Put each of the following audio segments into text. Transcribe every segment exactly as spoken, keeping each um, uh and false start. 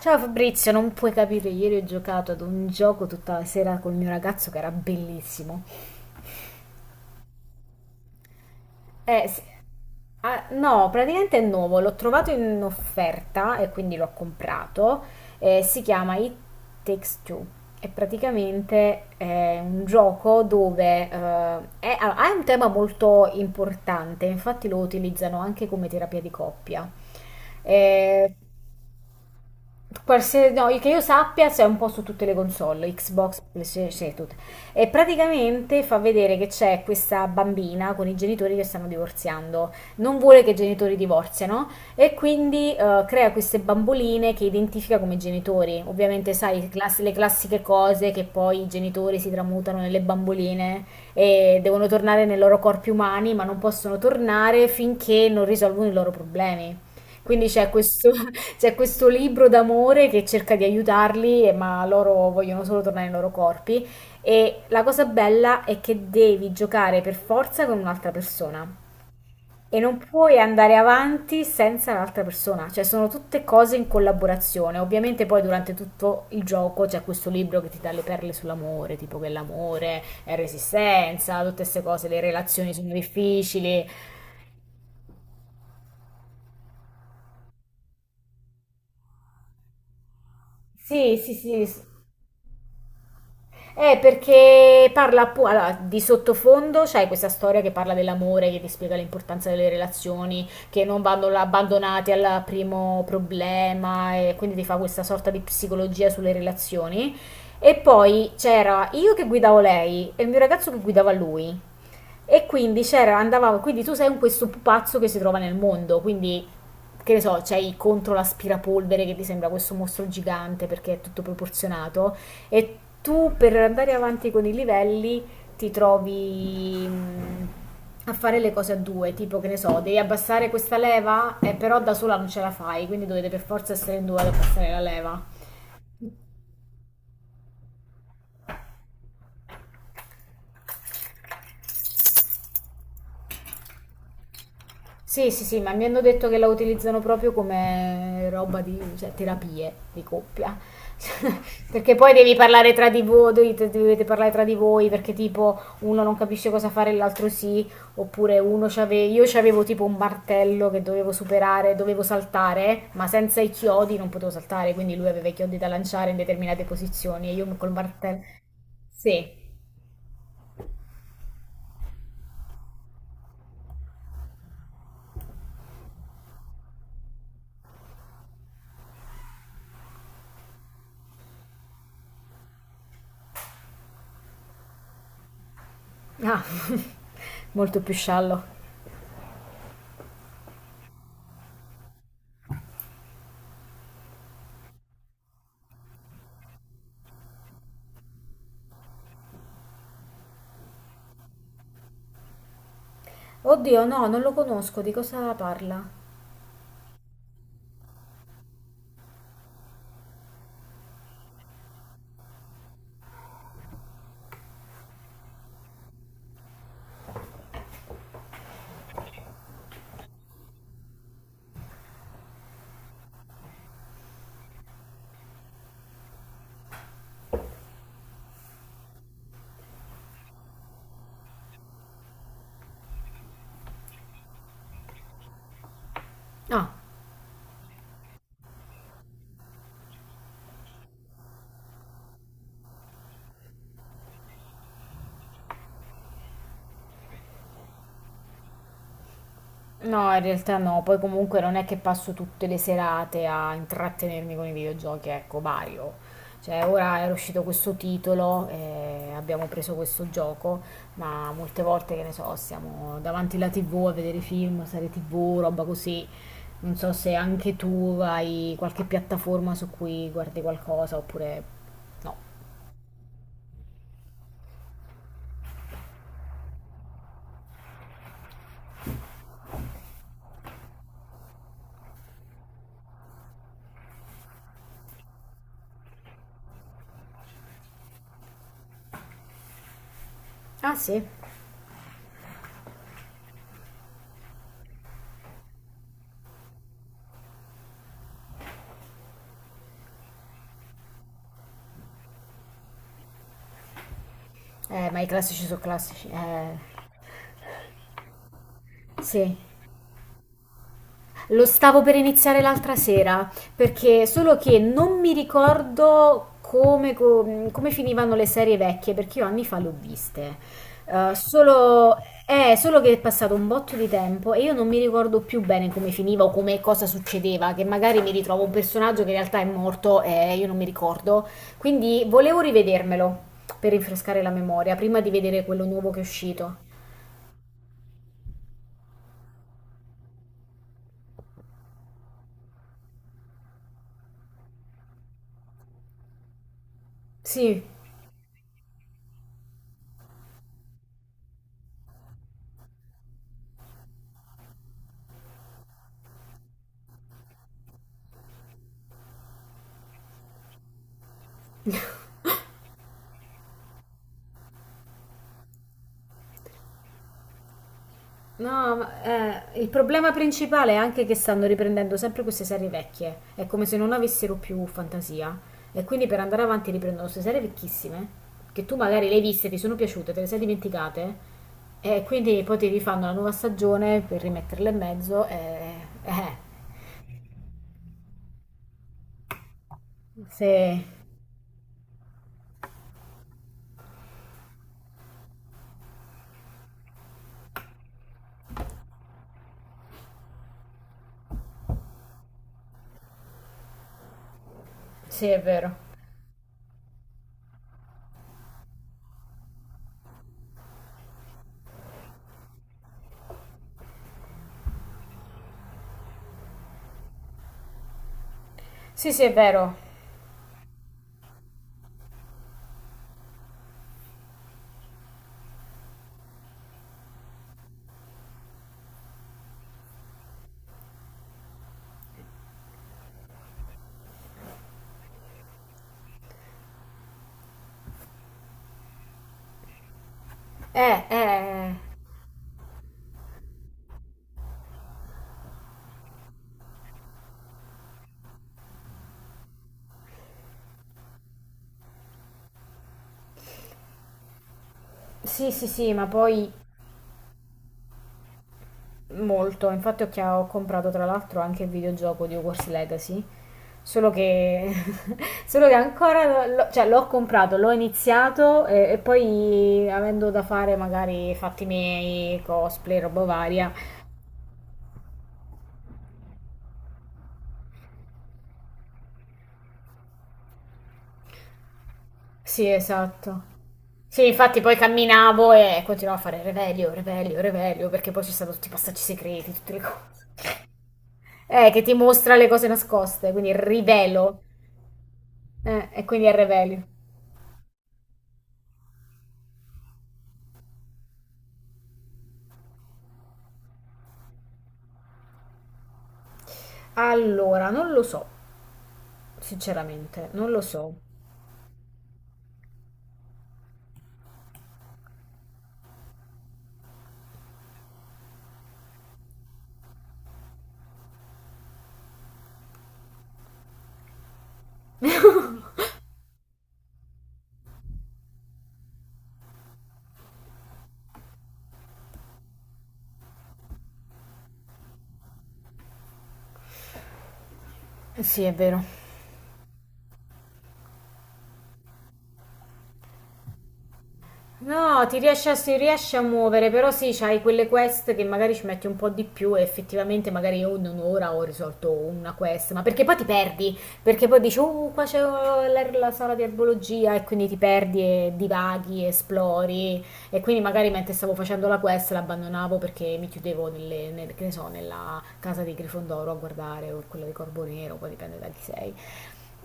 Ciao Fabrizio, non puoi capire, ieri ho giocato ad un gioco tutta la sera col mio ragazzo che era bellissimo. Eh, sì. Ah, no, praticamente è nuovo, l'ho trovato in offerta e quindi l'ho comprato. Eh, si chiama It Takes Two. È praticamente eh, un gioco dove eh, è- allora, ha un tema molto importante, infatti lo utilizzano anche come terapia di coppia. Eh, Qualsiasi, no, che io sappia c'è un po' su tutte le console, Xbox, PlayStation, tutte. E praticamente fa vedere che c'è questa bambina con i genitori che stanno divorziando. Non vuole che i genitori divorziano e quindi eh, crea queste bamboline che identifica come genitori. Ovviamente, sai, class- le classiche cose che poi i genitori si tramutano nelle bamboline e devono tornare nei loro corpi umani, ma non possono tornare finché non risolvono i loro problemi. Quindi c'è questo, c'è questo libro d'amore che cerca di aiutarli, eh, ma loro vogliono solo tornare nei loro corpi. E la cosa bella è che devi giocare per forza con un'altra persona e non puoi andare avanti senza l'altra persona, cioè sono tutte cose in collaborazione. Ovviamente poi durante tutto il gioco c'è questo libro che ti dà le perle sull'amore, tipo che l'amore è resistenza, tutte queste cose, le relazioni sono difficili. Sì, sì, sì. Eh, perché parla appu- allora, di sottofondo, c'è questa storia che parla dell'amore, che ti spiega l'importanza delle relazioni, che non vanno la- abbandonate al primo problema, e quindi ti fa questa sorta di psicologia sulle relazioni. E poi c'era io che guidavo lei e il mio ragazzo che guidava lui. E quindi c'era, andavamo, quindi tu sei un questo pupazzo che si trova nel mondo, quindi che ne so, c'hai contro l'aspirapolvere che ti sembra questo mostro gigante perché è tutto proporzionato e tu per andare avanti con i livelli ti trovi mh, a fare le cose a due, tipo che ne so, devi abbassare questa leva, eh, però da sola non ce la fai, quindi dovete per forza essere in due ad abbassare la leva. Sì, sì, sì, ma mi hanno detto che la utilizzano proprio come roba di, cioè, terapie di coppia. Perché poi devi parlare tra di voi, dovete, dovete parlare tra di voi, perché tipo uno non capisce cosa fare e l'altro sì, oppure uno c'ave- io c'avevo tipo un martello che dovevo superare, dovevo saltare, ma senza i chiodi non potevo saltare, quindi lui aveva i chiodi da lanciare in determinate posizioni e io col martello... Sì, ah, molto più sciallo. Oddio, no, non lo conosco, di cosa parla? Ah, no, in realtà no, poi comunque non è che passo tutte le serate a intrattenermi con i videogiochi, ecco, Mario. Cioè, ora era uscito questo titolo e abbiamo preso questo gioco, ma molte volte, che ne so, siamo davanti alla T V a vedere film, serie T V, roba così. Non so se anche tu hai qualche piattaforma su cui guardi qualcosa oppure no. Ah, sì? Eh, ma i classici sono classici. Eh, sì. Lo stavo per iniziare l'altra sera, perché solo che non mi ricordo come, co- come finivano le serie vecchie, perché io anni fa le ho viste. Eh, solo, eh, solo che è passato un botto di tempo e io non mi ricordo più bene come finiva o come cosa succedeva, che magari mi ritrovo un personaggio che in realtà è morto e io non mi ricordo. Quindi volevo rivedermelo per rinfrescare la memoria, prima di vedere quello nuovo che è uscito. Sì. No, ma, eh, il problema principale è anche che stanno riprendendo sempre queste serie vecchie. È come se non avessero più fantasia. E quindi per andare avanti riprendono queste serie vecchissime, che tu magari le hai viste, ti sono piaciute, te le sei dimenticate. E quindi poi ti rifanno la nuova stagione per rimetterle in mezzo. E... Eh, eh, sì, sì, è vero. Sì, sì, è vero. Eh, eh, sì, sì, sì, ma poi molto. Infatti ho, chia- ho comprato tra l'altro anche il videogioco di Hogwarts Legacy. Solo che, solo che ancora lo- cioè, l'ho comprato, l'ho iniziato e, e poi avendo da fare magari fatti miei, cosplay, roba varia. Sì, esatto. Sì, infatti poi camminavo e continuavo a fare Revelio, Revelio, Revelio, perché poi ci sono tutti i passaggi segreti, tutte le cose. Eh, che ti mostra le cose nascoste, quindi rivelo. Eh, e quindi è Revelio. Allora, non lo so, sinceramente, non lo so. Sì, è vero. No, ti riesci a, si riesce a muovere, però sì, c'hai quelle quest che magari ci metti un po' di più e effettivamente magari io in un'ora ho risolto una quest, ma perché poi ti perdi, perché poi dici, oh, qua c'è eh, la, la sala di erbologia e quindi ti perdi e divaghi, esplori e quindi magari mentre stavo facendo la quest l'abbandonavo perché mi chiudevo nelle, nel- che ne so, nella casa di Grifondoro a guardare o quella di Corvo Nero, poi dipende da chi sei,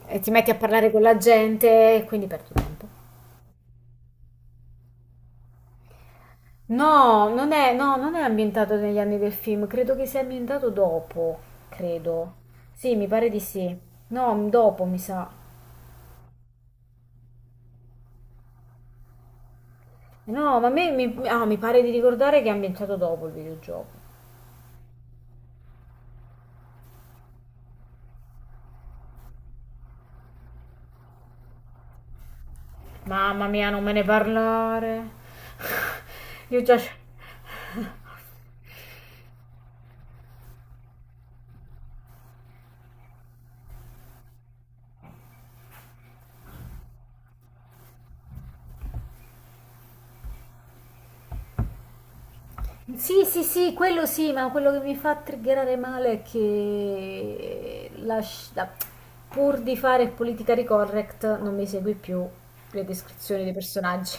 e ti metti a parlare con la gente e quindi perdi tempo. No, non è, no, non è ambientato negli anni del film, credo che sia ambientato dopo, credo. Sì, mi pare di sì. No, m- dopo mi sa. No, ma a me mi, ah, mi pare di ricordare che è ambientato dopo il videogioco. Mamma mia, non me ne parlare. Io già... Sì, sì, sì, quello sì, ma quello che mi fa triggerare male è che la sci- la- pur di fare politically correct non mi segui più le descrizioni dei personaggi.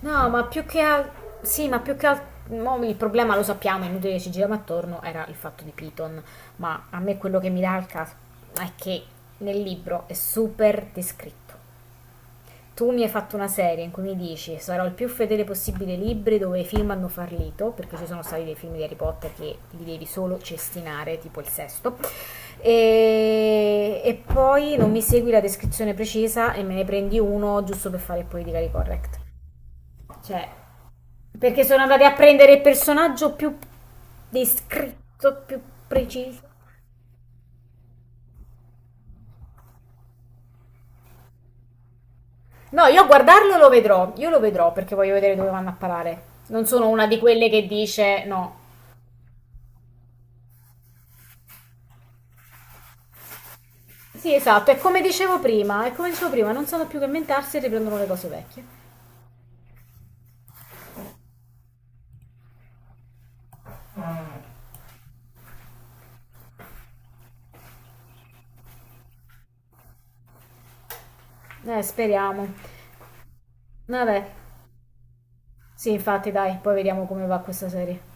No, ma più che al- sì, ma più che altro il problema lo sappiamo, è inutile che ci giriamo attorno, era il fatto di Piton, ma a me quello che mi dà il caso è che nel libro è super descritto. Tu mi hai fatto una serie in cui mi dici sarò il più fedele possibile ai libri dove i film hanno fallito, perché ci sono stati dei film di Harry Potter che li devi solo cestinare, tipo il sesto. E, e poi non mi segui la descrizione precisa e me ne prendi uno giusto per fare politica correct. Cioè, perché sono andati a prendere il personaggio più descritto, più preciso. No, io a guardarlo lo vedrò, io lo vedrò perché voglio vedere dove vanno a parare. Non sono una di quelle che dice no. Sì, esatto, è come dicevo prima, è come dicevo prima, non sanno più che inventarsi e riprendono le cose vecchie. Eh, speriamo. Vabbè, sì, infatti, dai, poi vediamo come va questa serie.